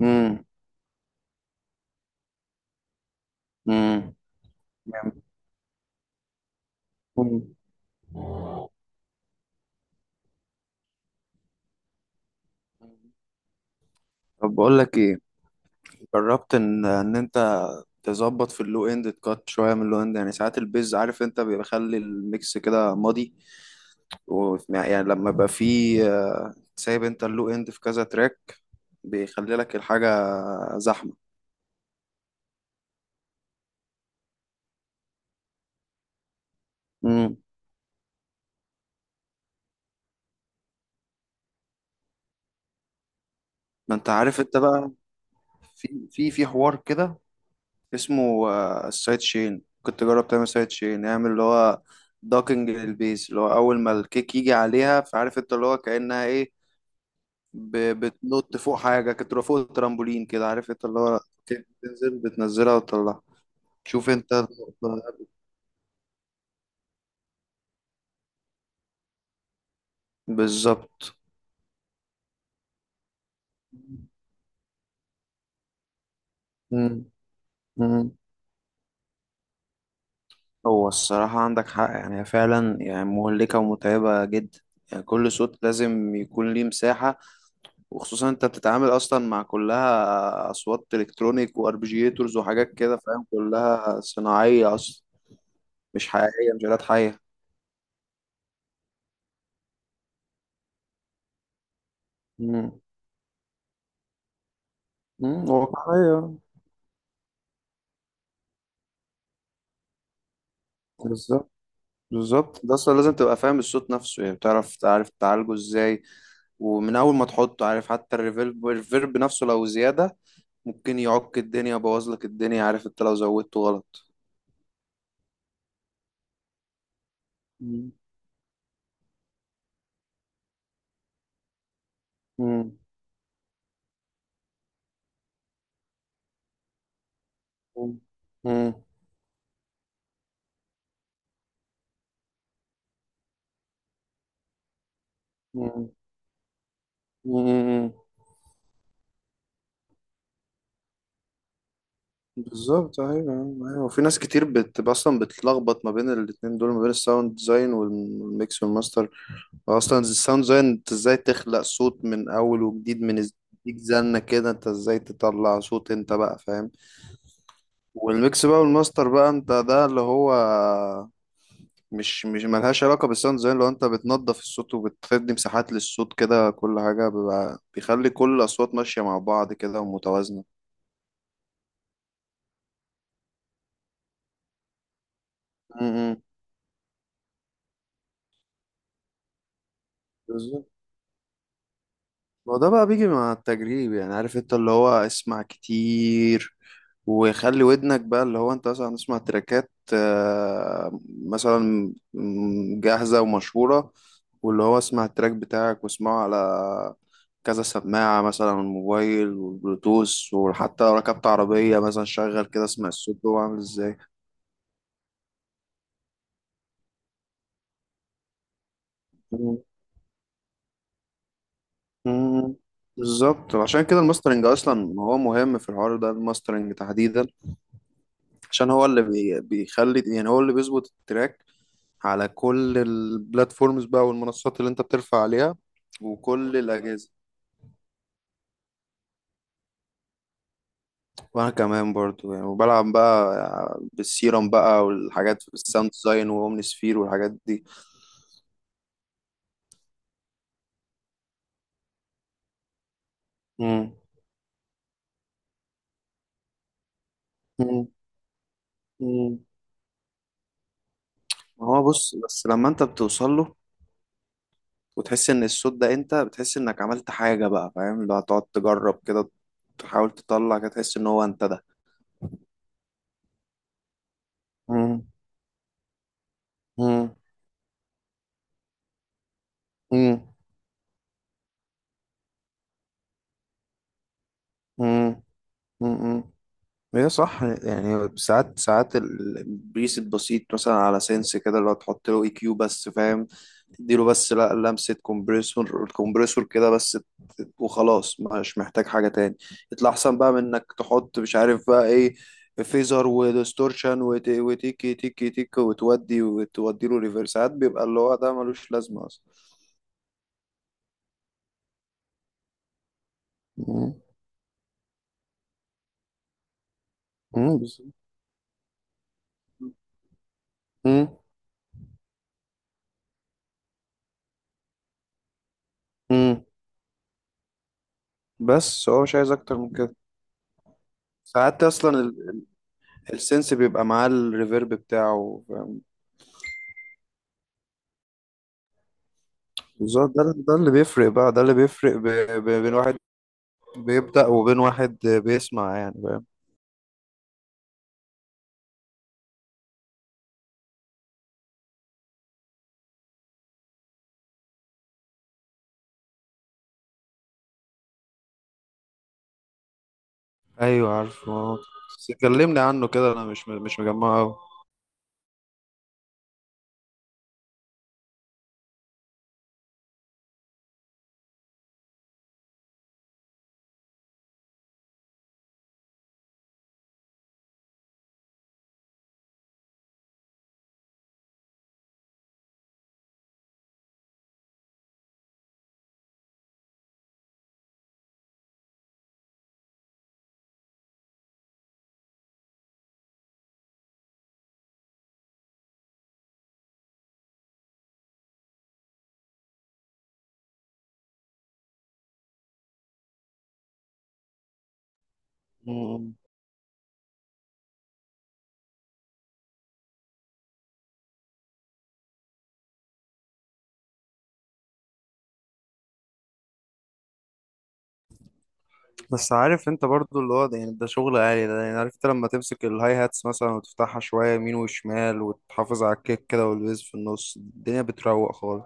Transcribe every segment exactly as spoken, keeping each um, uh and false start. امم امم امم طب بقول لك ايه؟ جربت ان ان انت تظبط في اللو اند؟ تكات شويه من اللو اند، يعني ساعات البيز عارف انت بيخلي الميكس كده ماضي، و يعني لما يبقى فيه آه، سايب انت اللو اند في كذا تراك بيخلي لك الحاجه زحمه. امم ما انت عارف انت بقى في في في حوار كده اسمه آه، السايد شين. كنت جرب تعمل سايد شين، نعمل اللي هو دوكنج للبيز اللي هو اول ما الكيك يجي عليها. فعارف انت اللي هو كأنها ايه، ب- بتنط فوق حاجة، كنت تبقى فوق الترامبولين كده عارف انت اللي هو كيك بتنزل بتنزلها وتطلعها. شوف انت النقطة بالظبط. مم. مم. هو الصراحة عندك حق، يعني هي فعلا يعني مهلكة ومتعبة جدا. يعني كل صوت لازم يكون ليه مساحة. وخصوصا انت بتتعامل اصلا مع كلها اصوات الكترونيك واربجيتورز وحاجات كده فاهم، كلها صناعيه اصلا مش حقيقيه، مش آلات حيه. امم امم واقعيه. بالظبط. بالظبط ده اصلا لازم تبقى فاهم الصوت نفسه، يعني بتعرف تعرف تعالجه ازاي. ومن اول ما تحطه عارف، حتى الريفيرب الريفيرب نفسه لو زياده ممكن يعك الدنيا، يبوظ لك الدنيا، عارف انت لو زودته غلط. امم امم امم امم بالظبط. ايوه. ايوه وفي ناس كتير بت اصلا بتلخبط ما بين الاتنين دول، ما بين الساوند ديزاين والميكس والماستر. اصلا الساوند ديزاين انت ازاي تخلق صوت من اول وجديد من از- ديك زنة كده، انت ازاي تطلع صوت انت بقى فاهم. والميكس بقى والماستر بقى انت ده اللي هو مش مش ملهاش علاقة بالساوند ديزاين. لو انت بتنظف الصوت وبتدي مساحات للصوت كده، كل حاجة بيبقى بيخلي كل الأصوات ماشية مع بعض كده ومتوازنة. م- م. بالظبط. ما هو ده بقى بيجي مع التجريب، يعني عارف انت اللي هو اسمع كتير، وخلي ودنك بقى اللي هو انت مثلا تسمع تراكات آه، مثلا م- جاهزة ومشهورة. واللي هو اسمع التراك بتاعك واسمعه على كذا سماعة، مثلا على الموبايل والبلوتوث، وحتى لو ركبت عربية مثلا شغل كده اسمع الصوت جوه عامل ازاي. مم. مم. بالظبط، عشان كده الماسترنج اصلا هو مهم في الحوار ده، الماسترنج تحديدا. عشان هو اللي بي- بيخلي يعني، هو اللي بيظبط التراك على كل البلاتفورمز بقى والمنصات اللي انت بترفع عليها وكل الأجهزة. وأنا كمان برضو يعني، وبلعب بقى بالسيرم بقى والحاجات في الساوند ديزاين وأومني سفير والحاجات دي. مم. مم. مم. ما هو بص بس لما انت بتوصل له وتحس ان الصوت ده، انت بتحس انك عملت حاجة بقى فاهم، اللي هتقعد تجرب كده تحاول تطلع كده تحس ان هو انت ده. مم. مم. مم. مم. مم. هي صح، يعني ساعات ساعات ال- البيس البسيط مثلا على سنس كده، اللي هو تحط له اي كيو بس فاهم، تديله بس لا لمسة كومبريسور الكومبريسور كده بس، ت- وخلاص مش محتاج حاجة تاني. يطلع أحسن بقى من إنك تحط مش عارف بقى إيه فيزر وديستورشن وت- وتيكي تيكي تيكي وتودي وتودي له ريفرسات، بيبقى اللي هو ده ملوش لازمة أصلا. مم. مم، بالظبط. مم. مم. بس هو مش عايز أكتر من كده. ساعات أصلا السنس بيبقى معاه الريفيرب بتاعه فاهم؟ بالظبط، ده ده اللي بيفرق بقى، ده اللي بيفرق ب- ب- بين واحد بيبدأ وبين واحد بيسمع يعني فاهم. ايوه عارفه. بس كلمني عنه كده، انا مش مش مجمعه أوي. مم. بس عارف انت برضو اللي هو ده يعني ده شغل عالي، ده يعني عارف انت لما تمسك الهاي هاتس مثلا وتفتحها شوية يمين وشمال وتحافظ على الكيك كده والبيز في النص، الدنيا بتروق خالص.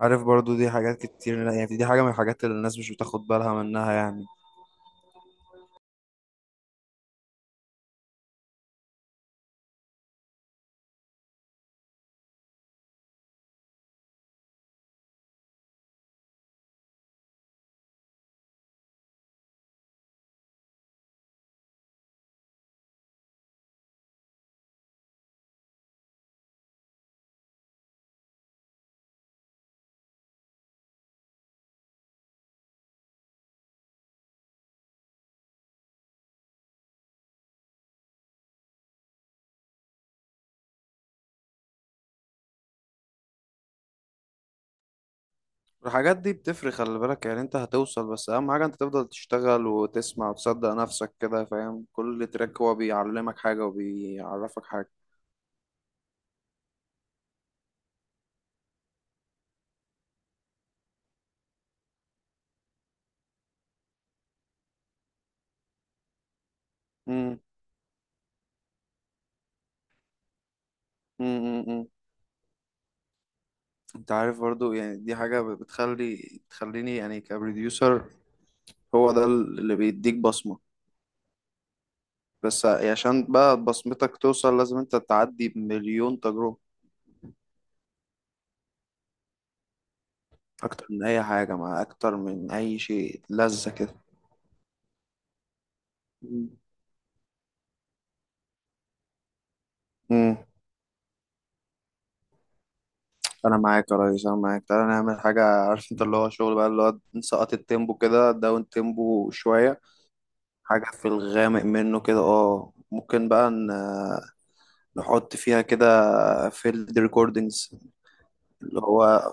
عارف برضو دي حاجات كتير، يعني دي حاجة من الحاجات اللي الناس مش بتاخد بالها منها يعني. الحاجات دي بتفرق، خلي بالك يعني انت هتوصل، بس اهم حاجة انت تفضل تشتغل وتسمع وتصدق نفسك كده فاهم، كل تراك هو بيعلمك حاجة وبيعرفك حاجة. امم امم امم امم. انت عارف برضو يعني دي حاجة بتخلي بتخليني يعني كبروديوسر، هو ده اللي بيديك بصمة. بس يعني عشان بقى بصمتك توصل لازم انت تعدي بمليون تجربة، اكتر من اي حاجة، مع اكتر من اي شيء لذة كده. امم امم. انا معاك يا ريس، انا معاك. تعالى نعمل حاجه عارف انت اللي هو شغل بقى اللي هو نسقط التيمبو كده، داون تيمبو شويه، حاجه في الغامق منه كده، اه ممكن بقى ن- نحط فيها كده فيلد ريكوردينجز اللي هو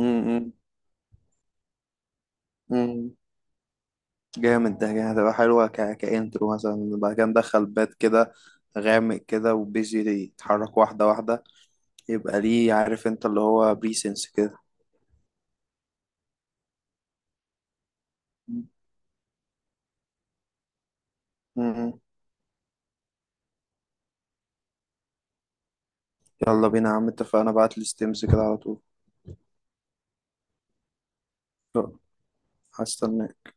امم جامد. ده يعني هتبقى حلوه ك... كانترو مثلا، بعد كده ندخل بات كده غامق كده، وبيزي يتحرك واحده واحده، يبقى ليه عارف انت اللي هو بريسنس كده. مم. مم. يلا بينا يا عم، اتفقنا، بعت لي ستيمز كده على طول. هستناك.